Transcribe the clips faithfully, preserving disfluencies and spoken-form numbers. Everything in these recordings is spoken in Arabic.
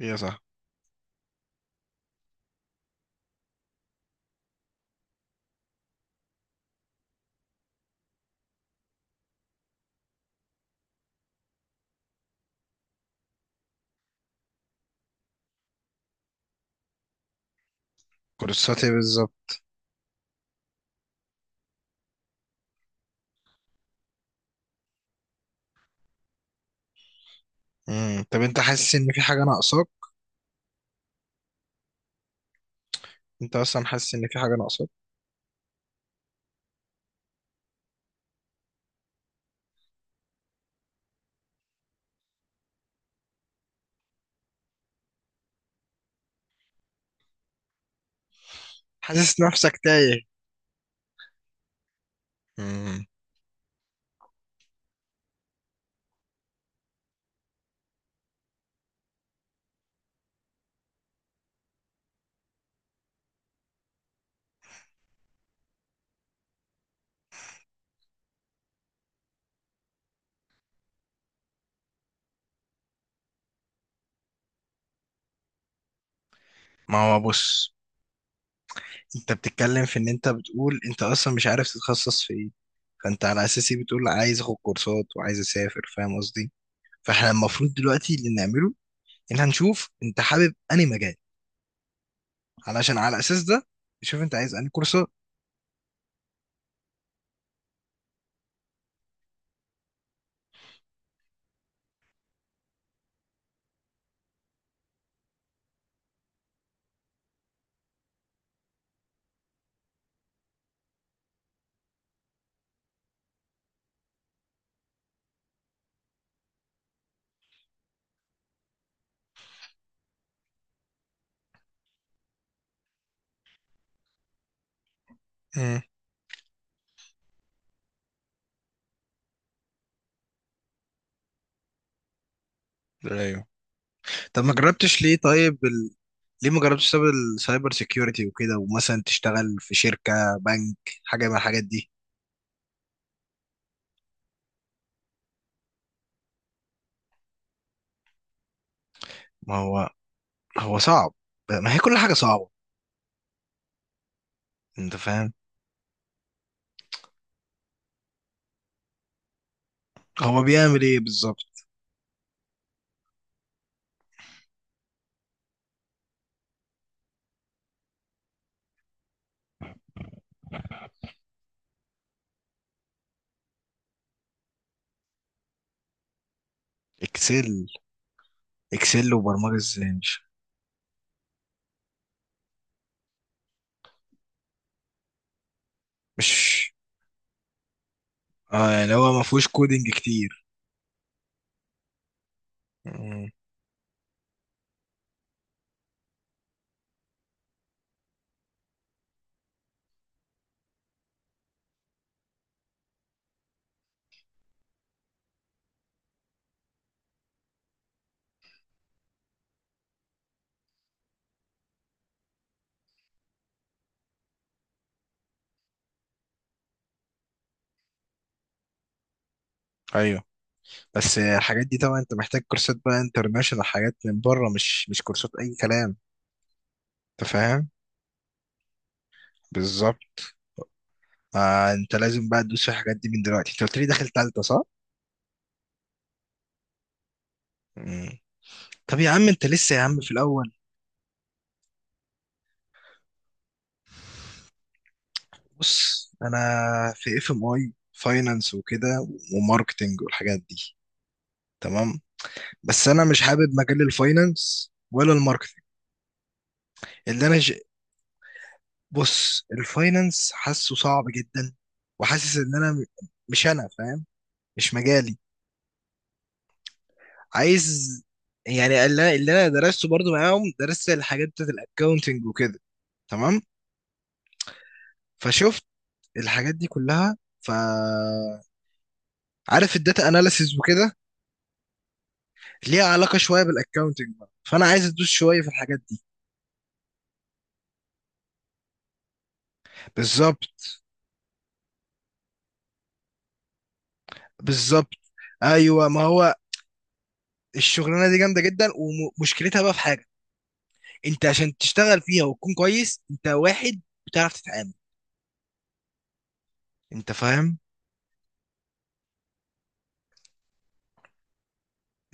يا صح. كورساتي بالظبط. مم. طب انت حاسس ان في حاجه ناقصاك؟ انت اصلا حاسس ان في حاجه ناقصاك؟ حاسس نفسك تايه؟ مم. ما هو بص، انت بتتكلم في ان انت بتقول انت اصلا مش عارف تتخصص في ايه. فانت على اساسي بتقول عايز اخد كورسات وعايز اسافر، فاهم قصدي؟ فاحنا المفروض دلوقتي اللي نعمله ان هنشوف انت حابب انهي مجال، علشان على اساس ده نشوف انت عايز انهي كورسات. مم. ايوه. طب ما جربتش ليه طيب؟ ليه ما جربتش تشتغل السايبر سيكيورتي وكده، ومثلا تشتغل في شركة، بنك، حاجة من الحاجات دي؟ ما هو هو صعب، ما هي كل حاجة صعبة، انت فاهم؟ هو بيعمل ايه بالظبط؟ اكسل؟ اكسل وبرمجة ازاي؟ مش مش اه، يعني هو ما فيهوش كودينج كتير. مم. ايوه، بس الحاجات دي طبعا انت محتاج كورسات بقى انترناشونال، حاجات من بره، مش مش كورسات اي كلام، انت فاهم؟ بالظبط. آه، انت لازم بقى تدوس في الحاجات دي من دلوقتي. انت قلت لي داخل تالتة صح؟ مم. طب يا عم انت لسه يا عم في الاول. بص انا في اف ام اي فاينانس وكده وماركتنج والحاجات دي، تمام. بس انا مش حابب مجال الفاينانس ولا الماركتنج. اللي انا ج... بص الفاينانس حاسه صعب جدا. وحاسس ان انا م- مش، انا فاهم مش مجالي. عايز، يعني اللي انا اللي انا درسته برضو معاهم، درست الحاجات بتاعت الاكاونتنج وكده، تمام. فشفت الحاجات دي كلها، ف عارف الداتا اناليسيز وكده ليها علاقة شوية بالاكاونتنج بقى، فانا عايز ادوس شوية في الحاجات دي. بالظبط. بالظبط. ايوه ما هو الشغلانة دي جامدة جدا. ومشكلتها بقى في حاجة، انت عشان تشتغل فيها وتكون كويس انت واحد بتعرف تتعامل، انت فاهم؟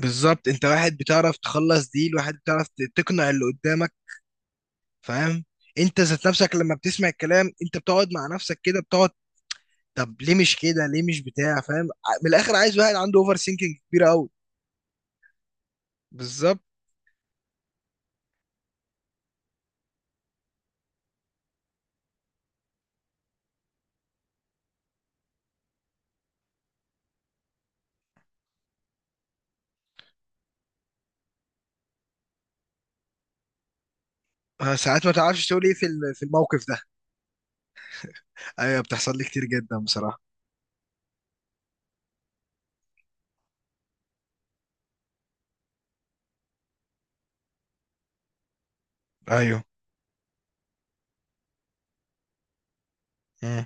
بالظبط، انت واحد بتعرف تخلص ديل، واحد بتعرف ت- تقنع اللي قدامك، فاهم؟ انت ذات نفسك لما بتسمع الكلام انت بتقعد مع نفسك كده بتقعد. طب ليه مش كده، ليه مش بتاع، فاهم ع- من الاخر عايز واحد عنده اوفر سينكينج كبيرة قوي. بالظبط. آه، ساعات ما تعرفش تقول ايه في ال- في الموقف ده. ايوه بتحصل لي كتير جدا بصراحه. ايوه. مم.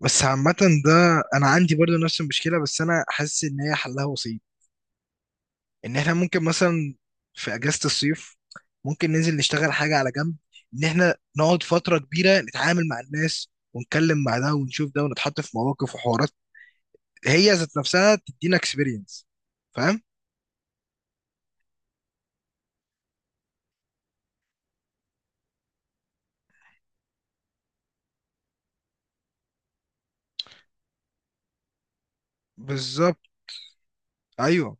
بس عامه، ده انا عندي برضو نفس المشكله، بس انا حاسس ان هي حلها بسيط. ان احنا ممكن مثلا في اجازه الصيف ممكن ننزل نشتغل حاجه على جنب، ان احنا نقعد فتره كبيره نتعامل مع الناس ونتكلم مع ده ونشوف ده ونتحط في مواقف وحوارات، هي ذات نفسها تدينا اكسبيرينس، فاهم؟ بالظبط. ايوه.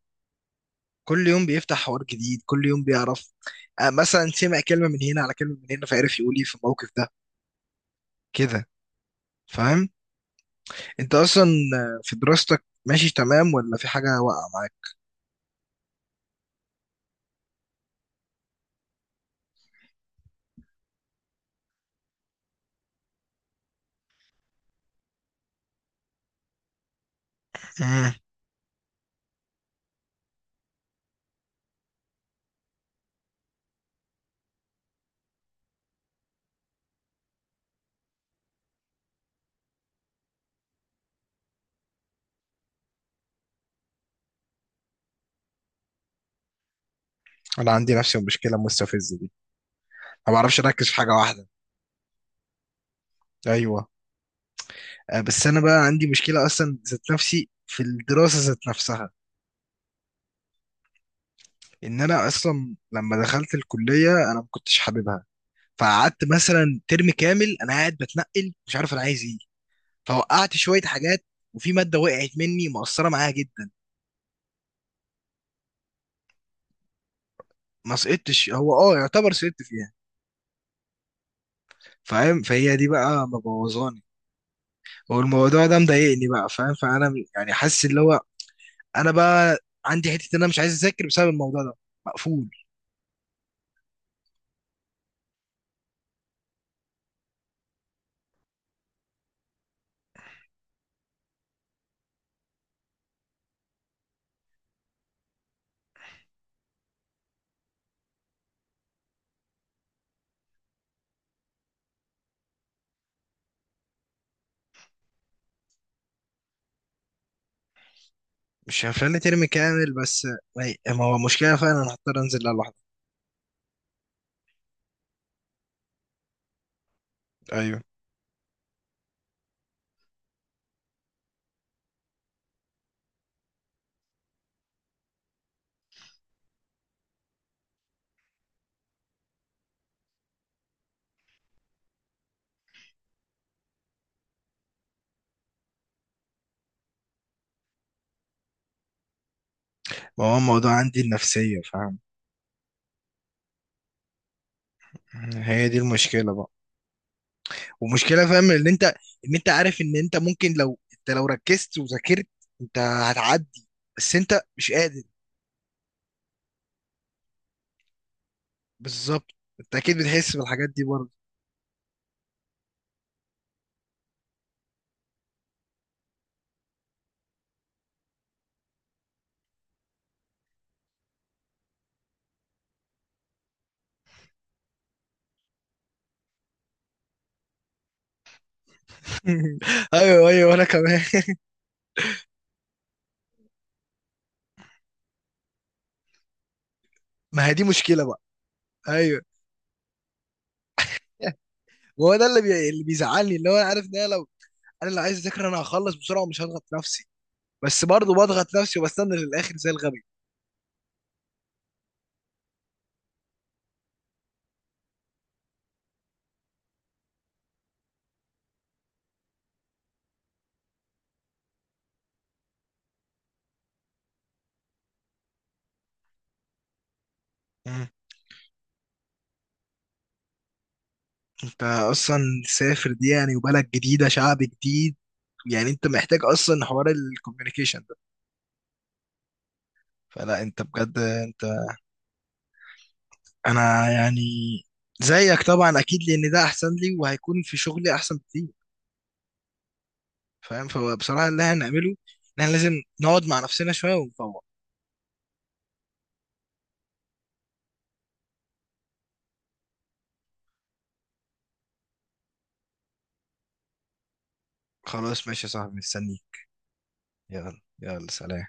كل يوم بيفتح حوار جديد، كل يوم بيعرف، آه، مثلا سمع كلمة من هنا على كلمة من هنا، فعرف يقول ايه في الموقف ده كده. فاهم. انت اصلا آه، في دراستك ماشي تمام ولا في حاجة واقعة معاك؟ مم. انا عندي نفس المشكلة المستفزة دي. ما بعرفش اركز في حاجة واحدة. ايوه. آه، بس انا بقى عندي مشكلة اصلا ذات نفسي في الدراسة ذات نفسها. ان انا اصلا لما دخلت الكلية انا ما كنتش حاببها. فقعدت مثلا ترم كامل انا قاعد بتنقل، مش عارف انا عايز ايه. فوقعت شويه حاجات، وفي ماده وقعت مني مؤثره معايا جدا. ما سقطتش، هو اه يعتبر سقطت فيها، فاهم؟ فهي دي بقى مبوظاني. والموضوع ده مضايقني بقى، فاهم؟ فانا يعني حاسس اللي هو، انا بقى عندي حته ان انا مش عايز اذاكر بسبب الموضوع ده، مقفول. مش هفلني ترم كامل بس. ما هو مشكله فعلا، انا هضطر انزل لها لوحدي. ايوه. ما هو الموضوع عندي النفسيه، فاهم؟ هي دي المشكله بقى. ومشكله، فاهم، ان انت ان انت عارف ان انت ممكن، لو انت لو ركزت وذاكرت انت هتعدي، بس انت مش قادر. بالظبط. انت اكيد بتحس بالحاجات دي برضه. ايوه ايوه انا كمان. ما هي دي مشكله بقى. ايوه، هو ده اللي بي... اللي بيزعلني، اللي هو انا عارف ان انا لو انا لو عايز اذاكر انا هخلص بسرعه ومش هضغط نفسي، بس برضه بضغط نفسي وبستنى للاخر زي الغبي. مم. انت اصلا سافر دي يعني وبلد جديده شعب جديد، يعني انت محتاج اصلا حوار الكوميونيكيشن. فلا، انت بجد انت. انا يعني زيك طبعا اكيد، لان ده احسن لي وهيكون في شغلي احسن بكتير، فاهم؟ فبصراحه اللي احنا هنعمله ان احنا لازم نقعد مع نفسنا شويه ونفوق. خلاص ماشي يا صاحبي، مستنيك. يلا يلا سلام.